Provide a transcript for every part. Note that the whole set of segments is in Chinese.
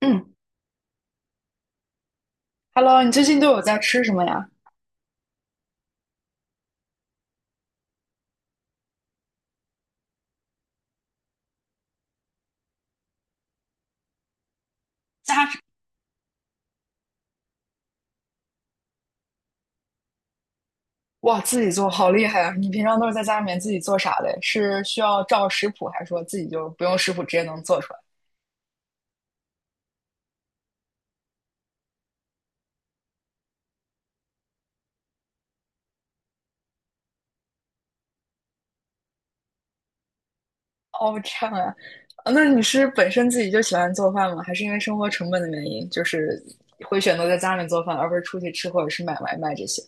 嗯，Hello，你最近都有在吃什么呀？家常哇，自己做好厉害啊！你平常都是在家里面自己做啥的？是需要照食谱，还是说自己就不用食谱直接能做出来？哦，这样啊，啊那你是本身自己就喜欢做饭吗？还是因为生活成本的原因，就是会选择在家里面做饭，而不是出去吃或者是买外卖这些？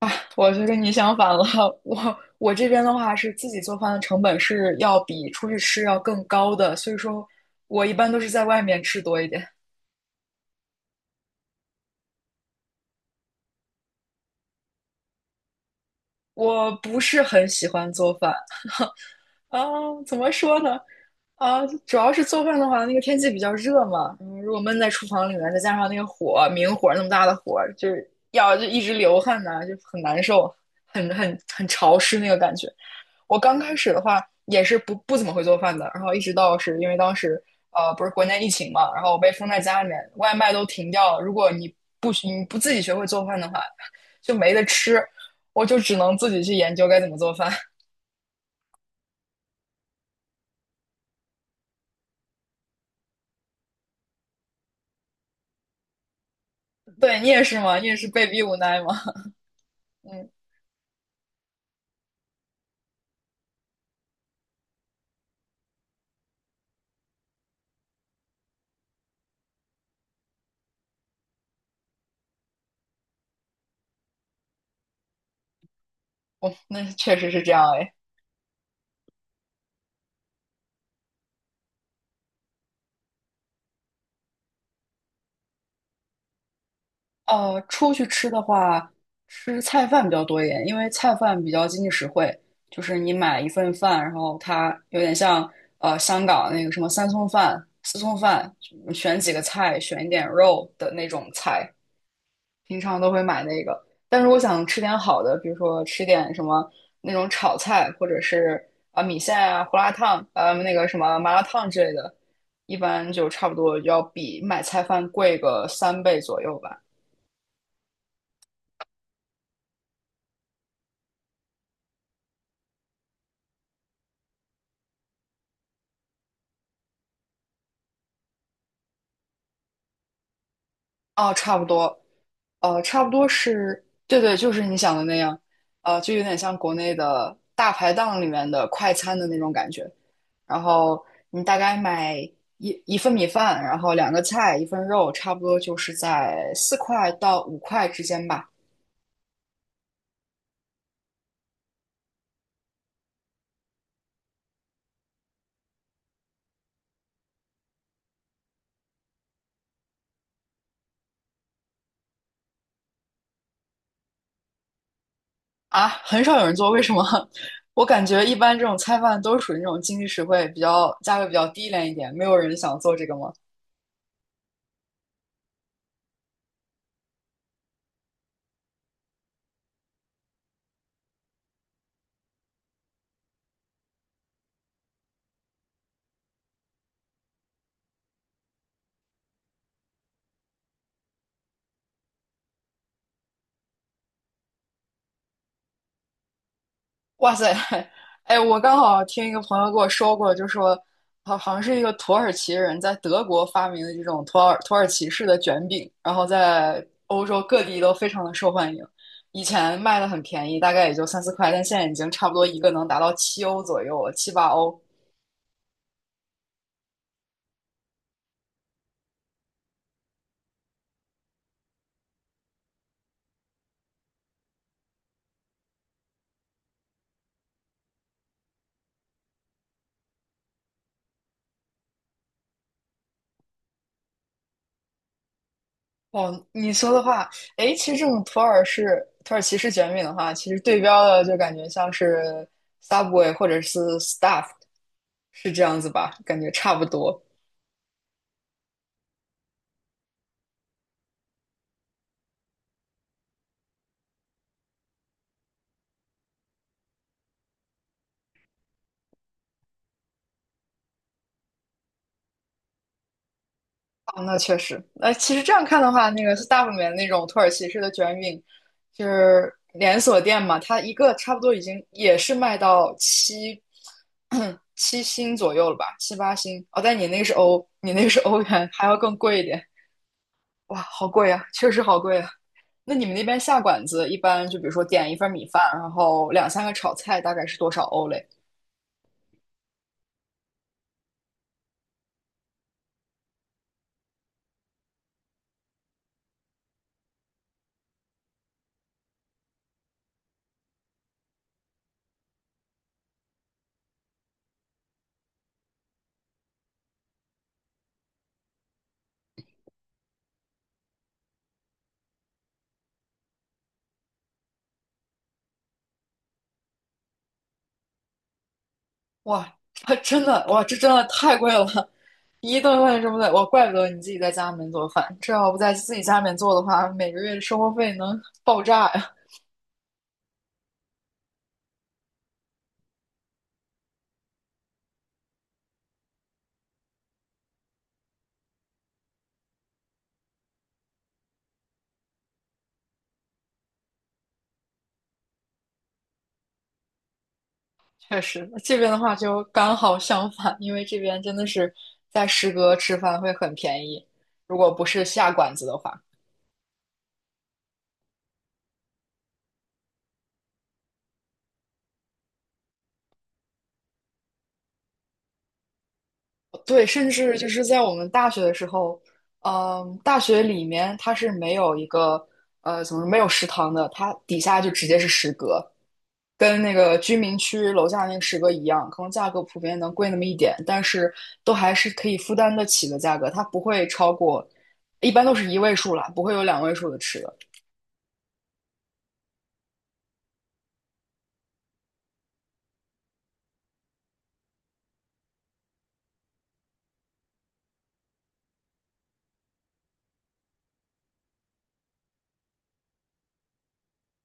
啊？我就跟你相反了，我这边的话是自己做饭的成本是要比出去吃要更高的，所以说我一般都是在外面吃多一点。我不是很喜欢做饭啊，怎么说呢？啊，主要是做饭的话，那个天气比较热嘛，嗯如果闷在厨房里面，再加上那个火，明火那么大的火，就是要就一直流汗呐、就很难受，很潮湿那个感觉。我刚开始的话也是不怎么会做饭的，然后一直到是因为当时不是国内疫情嘛，然后我被封在家里面，外卖都停掉了。如果你不你不自己学会做饭的话，就没得吃，我就只能自己去研究该怎么做饭。对你也是吗？你也是被逼无奈吗？嗯，我那确实是这样哎。呃，出去吃的话，吃菜饭比较多一点，因为菜饭比较经济实惠。就是你买一份饭，然后它有点像呃香港那个什么三餸饭、四餸饭，选几个菜，选一点肉的那种菜，平常都会买那个。但如果想吃点好的，比如说吃点什么那种炒菜，或者是啊、呃米线啊、胡辣汤，呃那个什么麻辣烫之类的，一般就差不多要比买菜饭贵个三倍左右吧。哦，差不多，呃，差不多是，对对，就是你想的那样，呃，就有点像国内的大排档里面的快餐的那种感觉。然后你大概买一份米饭，然后两个菜，一份肉，差不多就是在四块到五块之间吧。啊，很少有人做，为什么？我感觉一般这种菜饭都是属于那种经济实惠、比较价格比较低廉一点，没有人想做这个吗？哇塞，哎，我刚好听一个朋友跟我说过，就说好像是一个土耳其人在德国发明的这种土耳其式的卷饼，然后在欧洲各地都非常的受欢迎。以前卖的很便宜，大概也就三四块，但现在已经差不多一个能达到七欧左右了，七八欧。哦，你说的话，哎，其实这种土耳其式卷饼的话，其实对标的就感觉像是 Subway 或者是 Stuff 是这样子吧？感觉差不多。哦，那确实，那其实这样看的话，那个 Stop 里面那种土耳其式的卷饼，就是连锁店嘛，它一个差不多已经也是卖到七 七星左右了吧，七八星。哦，但你那个是欧，你那个是欧元，还要更贵一点。哇，好贵啊，确实好贵啊。那你们那边下馆子一般就比如说点一份米饭，然后两三个炒菜，大概是多少欧嘞？哇，它真的哇，这真的太贵了，一顿饭这么贵，哇，怪不得你自己在家里面做饭，这要不在自己家里面做的话，每个月的生活费能爆炸呀。确实，这边的话就刚好相反，因为这边真的是在食阁吃饭会很便宜，如果不是下馆子的话，对，甚至就是在我们大学的时候，嗯，大学里面它是没有一个呃，怎么说没有食堂的，它底下就直接是食阁。跟那个居民区楼下那个食阁一样，可能价格普遍能贵那么一点，但是都还是可以负担得起的价格，它不会超过，一般都是一位数了，不会有两位数的吃的。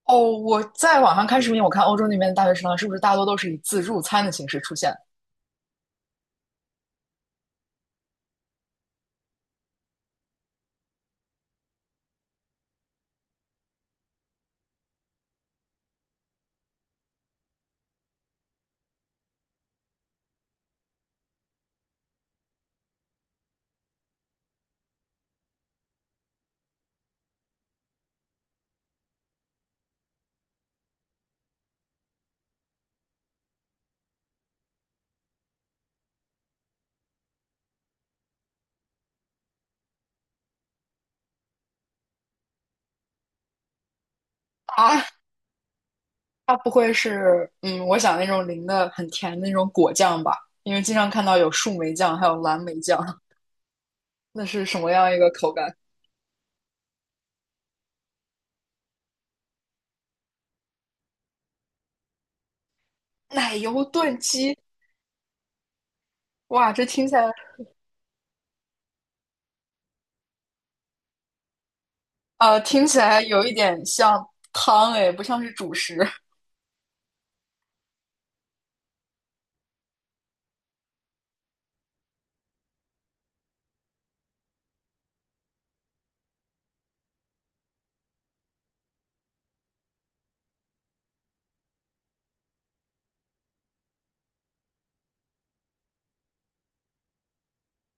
哦，我在网上看视频，我看欧洲那边的大学食堂是不是大多都是以自助餐的形式出现啊？它不会是嗯，我想那种淋的很甜的那种果酱吧？因为经常看到有树莓酱，还有蓝莓酱，那是什么样一个口感？奶油炖鸡，哇，这听起来呃，听起来有一点像汤诶，不像是主食。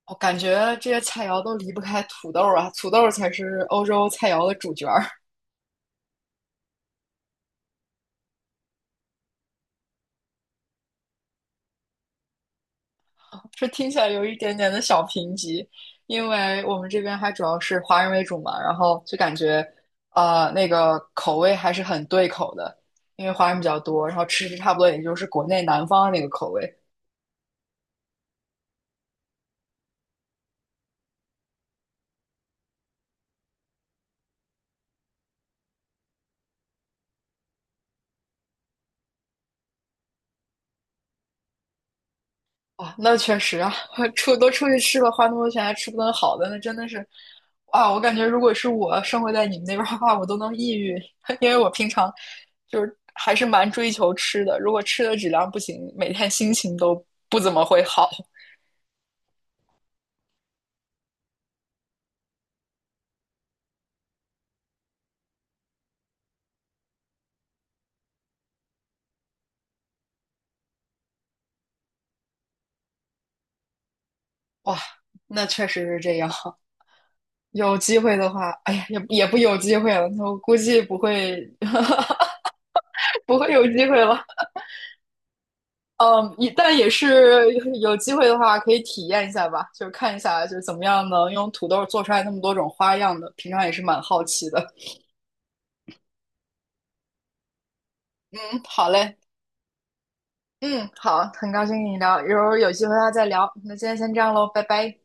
我感觉这些菜肴都离不开土豆啊，土豆才是欧洲菜肴的主角儿。这听起来有一点点的小贫瘠，因为我们这边还主要是华人为主嘛，然后就感觉呃那个口味还是很对口的，因为华人比较多，然后吃着差不多也就是国内南方那个口味。啊，那确实啊，出都出去吃了，花那么多钱还吃不顿好的，那真的是，啊，我感觉如果是我生活在你们那边儿的话，我都能抑郁，因为我平常就是还是蛮追求吃的，如果吃的质量不行，每天心情都不怎么会好。哇，那确实是这样。有机会的话，哎呀，也不有机会了，我估计不会 不会有机会了。嗯，一但也是有机会的话，可以体验一下吧，就是看一下就是怎么样能用土豆做出来那么多种花样的，平常也是蛮好奇的。嗯，好嘞，嗯，好，很高兴跟你聊，一会儿有机会的再聊，那今天先这样喽，拜拜。